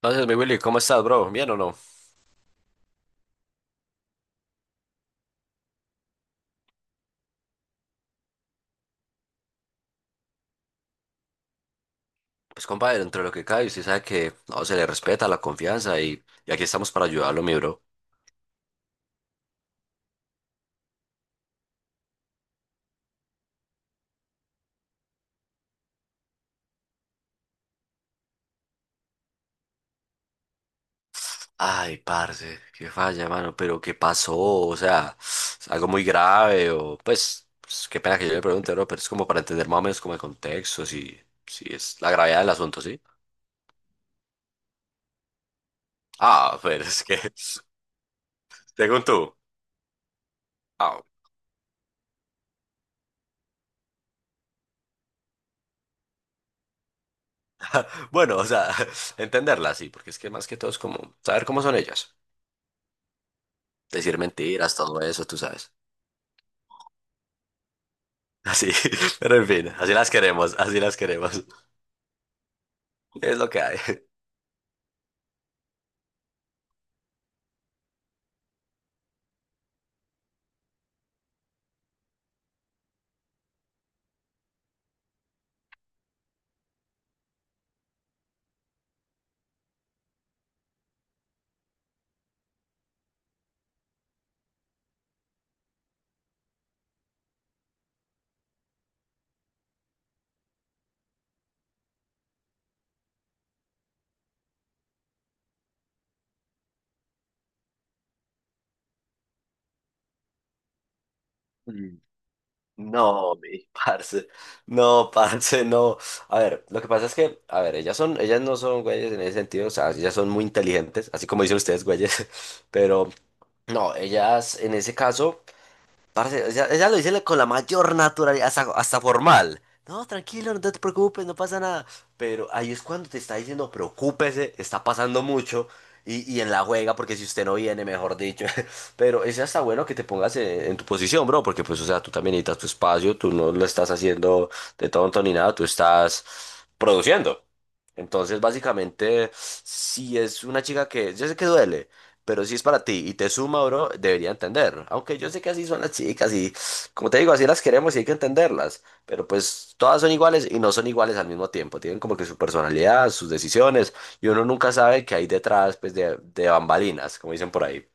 Entonces, mi Willy, ¿cómo estás, bro? ¿Bien o no? Pues, compadre, entre lo que cae, usted sabe que no se le respeta la confianza y aquí estamos para ayudarlo, mi bro. Ay, parce, qué falla, mano, pero ¿qué pasó? O sea, ¿es algo muy grave o, pues, qué pena que yo le pregunte, bro, pero es como para entender más o menos como el contexto, si es la gravedad del asunto, ¿sí? Ah, pero es que, según tú. Ah, bueno, o sea, entenderla, sí, porque es que más que todo es como saber cómo son ellas, decir mentiras, todo eso, tú sabes. Así, pero en fin, así las queremos, así las queremos. Es lo que hay. Mm. No, mi parce, no, parce, no. A ver, lo que pasa es que, a ver, ellas son, ellas no son güeyes en ese sentido, o sea, ellas son muy inteligentes, así como dicen ustedes, güeyes, pero no, ellas en ese caso. Parce, ya, ella lo dice con la mayor naturalidad, hasta, hasta formal. No, tranquilo, no te preocupes, no pasa nada. Pero ahí es cuando te está diciendo, preocúpese, está pasando mucho. Y en la juega, porque si usted no viene, mejor dicho. Pero es hasta bueno que te pongas en tu posición, bro, porque pues, o sea, tú también necesitas tu espacio, tú no lo estás haciendo de tonto ni nada, tú estás produciendo. Entonces, básicamente, si es una chica que, yo sé que duele, pero si es para ti y te suma, bro, debería entender. Aunque yo sé que así son las chicas y, como te digo, así las queremos y hay que entenderlas. Pero pues todas son iguales y no son iguales al mismo tiempo. Tienen como que su personalidad, sus decisiones y uno nunca sabe qué hay detrás, pues, de bambalinas, como dicen por ahí.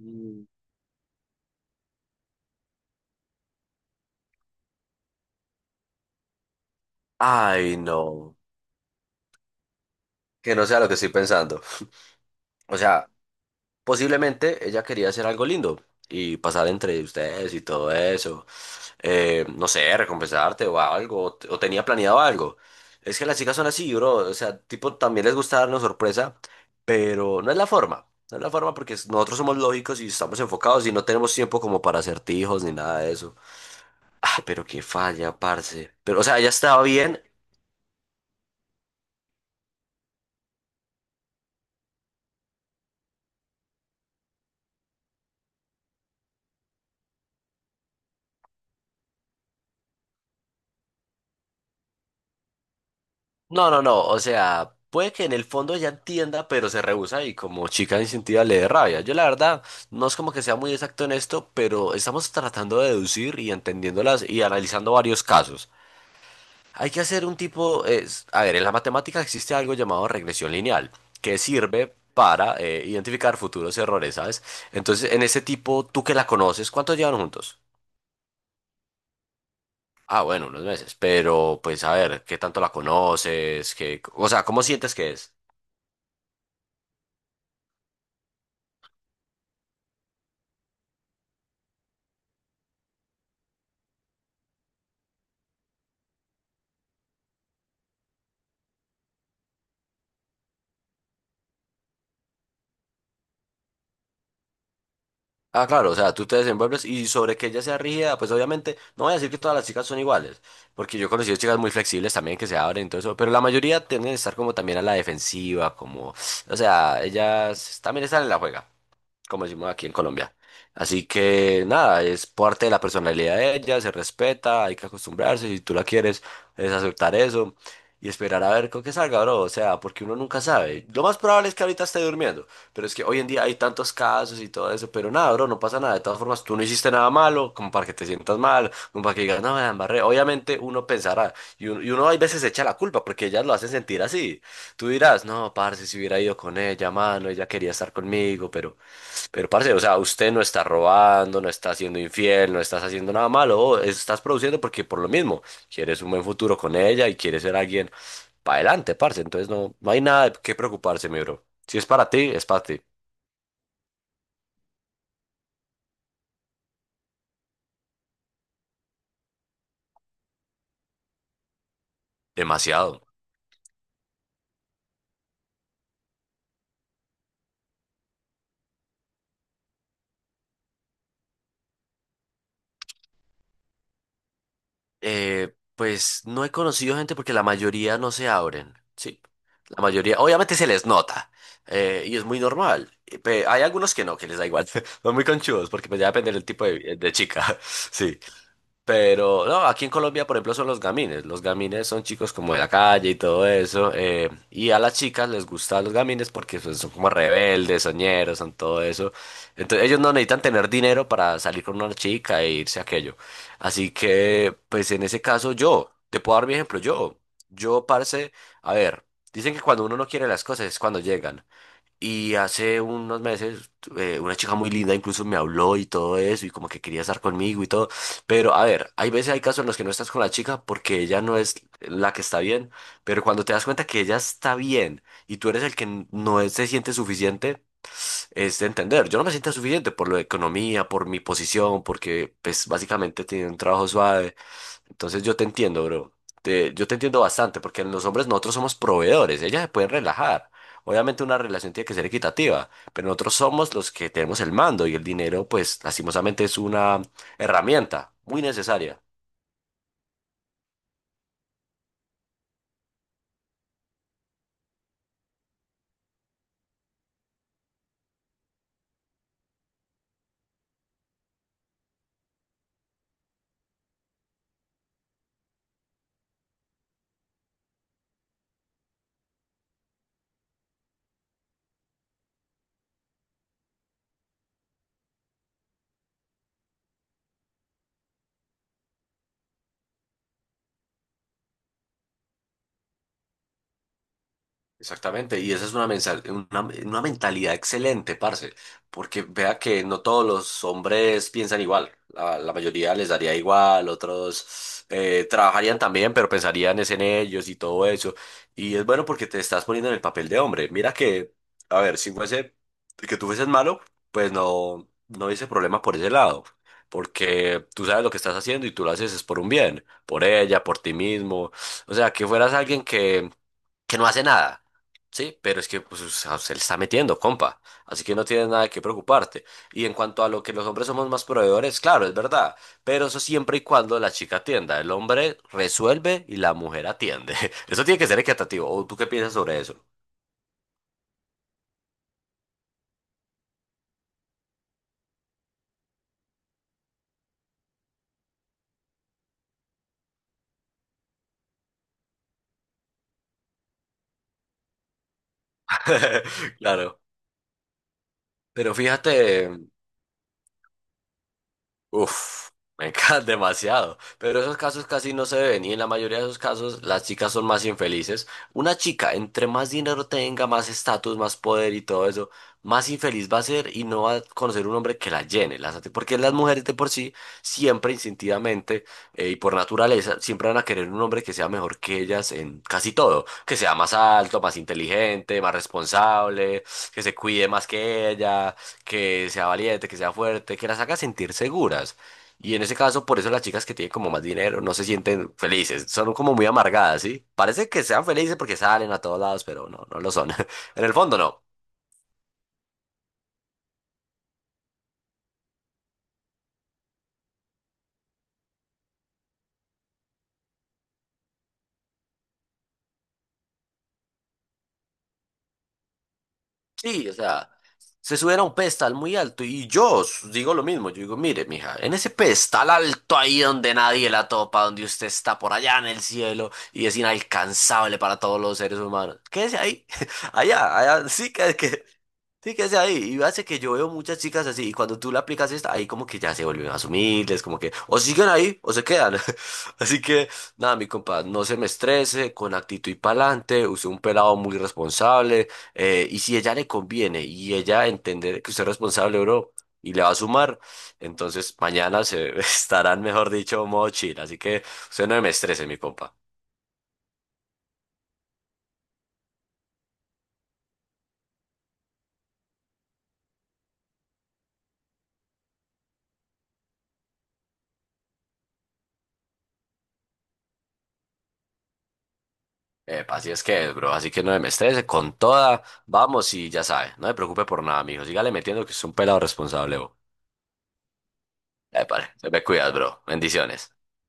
Mm. Ay, no. Que no sea lo que estoy pensando. O sea, posiblemente ella quería hacer algo lindo y pasar entre ustedes y todo eso. No sé, recompensarte o algo, o, o tenía planeado algo. Es que las chicas son así, bro, o sea, tipo, también les gusta darnos sorpresa, pero no es la forma, no es la forma porque nosotros somos lógicos y estamos enfocados y no tenemos tiempo como para acertijos ni nada de eso. Ah, pero qué falla, parce. Pero, o sea, ella estaba bien. No, no, no. O sea, puede que en el fondo ella entienda, pero se rehúsa y como chica instintiva le dé rabia. Yo la verdad no es como que sea muy exacto en esto, pero estamos tratando de deducir y entendiéndolas y analizando varios casos. Hay que hacer un tipo, es, a ver, en la matemática existe algo llamado regresión lineal, que sirve para identificar futuros errores, ¿sabes? Entonces, en ese tipo, tú que la conoces, ¿cuántos llevan juntos? Ah, bueno, unos meses, pero pues a ver, ¿qué tanto la conoces? ¿Cómo sientes que es? Ah, claro, o sea, tú te desenvuelves y sobre que ella sea rígida, pues obviamente, no voy a decir que todas las chicas son iguales, porque yo he conocido chicas muy flexibles también que se abren y todo eso, pero la mayoría tienden a estar como también a la defensiva, como, o sea, ellas también están en la juega como decimos aquí en Colombia. Así que nada, es parte de la personalidad de ella, se respeta, hay que acostumbrarse, si tú la quieres, es aceptar eso y esperar a ver con qué salga, bro, o sea, porque uno nunca sabe. Lo más probable es que ahorita esté durmiendo, pero es que hoy en día hay tantos casos y todo eso, pero nada, bro, no pasa nada, de todas formas, tú no hiciste nada malo, como para que te sientas mal, como para que digas, no, me la embarré. Obviamente uno pensará, y uno a veces se echa la culpa porque ellas lo hacen sentir así. Tú dirás, no, parce, si hubiera ido con ella, mano, ella quería estar conmigo, pero... Pero, parce, o sea, usted no está robando, no está siendo infiel, no estás haciendo nada malo, o estás produciendo porque por lo mismo quieres un buen futuro con ella y quieres ser alguien para adelante, parce. Entonces no, no hay nada de qué preocuparse, mi bro. Si es para ti, es para ti. Demasiado. Pues no he conocido gente porque la mayoría no se abren, sí. La mayoría, obviamente se les nota y es muy normal. Hay algunos que no, que les da igual. Son muy conchudos porque pues ya depende del tipo de chica. Sí. Pero no, aquí en Colombia, por ejemplo, son los gamines. Los gamines son chicos como de la calle y todo eso. Y a las chicas les gustan los gamines porque pues, son como rebeldes, soñeros, son todo eso. Entonces ellos no necesitan tener dinero para salir con una chica e irse a aquello. Así que, pues en ese caso yo, te puedo dar mi ejemplo, yo. Yo, parce, a ver, dicen que cuando uno no quiere las cosas es cuando llegan. Y hace unos meses una chica muy linda incluso me habló y todo eso y como que quería estar conmigo y todo. Pero a ver, hay veces, hay casos en los que no estás con la chica porque ella no es la que está bien. Pero cuando te das cuenta que ella está bien y tú eres el que n- no es- se siente suficiente, es de entender. Yo no me siento suficiente por lo de economía, por mi posición, porque pues básicamente tiene un trabajo suave. Entonces yo te entiendo, bro. Yo te entiendo bastante porque los hombres nosotros somos proveedores, ellas se pueden relajar. Obviamente una relación tiene que ser equitativa, pero nosotros somos los que tenemos el mando y el dinero, pues lastimosamente es una herramienta muy necesaria. Exactamente, y esa es una mentalidad excelente, parce, porque vea que no todos los hombres piensan igual, la mayoría les daría igual, otros trabajarían también, pero pensarían es en ellos y todo eso, y es bueno porque te estás poniendo en el papel de hombre, mira que, a ver, si fuese que tú fueses malo, pues no, no hubiese problema por ese lado, porque tú sabes lo que estás haciendo y tú lo haces es por un bien, por ella, por ti mismo. O sea, que fueras alguien que no hace nada. Sí, pero es que pues, o sea, se le está metiendo, compa. Así que no tienes nada que preocuparte. Y en cuanto a lo que los hombres somos más proveedores, claro, es verdad. Pero eso siempre y cuando la chica atienda. El hombre resuelve y la mujer atiende. Eso tiene que ser equitativo. ¿O tú qué piensas sobre eso? Claro. Pero fíjate. Uf, me encanta demasiado. Pero esos casos casi no se ven y en la mayoría de esos casos las chicas son más infelices. Una chica, entre más dinero tenga, más estatus, más poder y todo eso, más infeliz va a ser y no va a conocer un hombre que la llene. Porque las mujeres de por sí, siempre instintivamente y por naturaleza, siempre van a querer un hombre que sea mejor que ellas en casi todo. Que sea más alto, más inteligente, más responsable, que se cuide más que ellas, que sea valiente, que sea fuerte, que las haga sentir seguras. Y en ese caso, por eso las chicas que tienen como más dinero no se sienten felices, son como muy amargadas, ¿sí? Parece que sean felices porque salen a todos lados, pero no, no lo son. En el fondo no. Sí, o sea, se suben a un pedestal muy alto y yo digo lo mismo, yo digo, mire, mija, en ese pedestal alto ahí donde nadie la topa, donde usted está por allá en el cielo y es inalcanzable para todos los seres humanos, quédese ahí, allá, allá, sí, sí, quédese ahí. Y hace que yo veo muchas chicas así y cuando tú le aplicas esta, ahí como que ya se vuelven más humildes, como que o siguen ahí o se quedan. Así que, nada, mi compa, no se me estrese, con actitud y pa'lante, usted es un pelado muy responsable. Y si ella le conviene y ella entender que usted es responsable, bro, y le va a sumar, entonces mañana se estarán, mejor dicho, modo chill. Así que usted no me estrese, mi compa. Epa, así es que es, bro. Así que no me estrese. Con toda, vamos y ya sabe. No me preocupe por nada, mijo. Sígale metiendo que es un pelado responsable, bro. Epa, se me cuidas, bro. Bendiciones.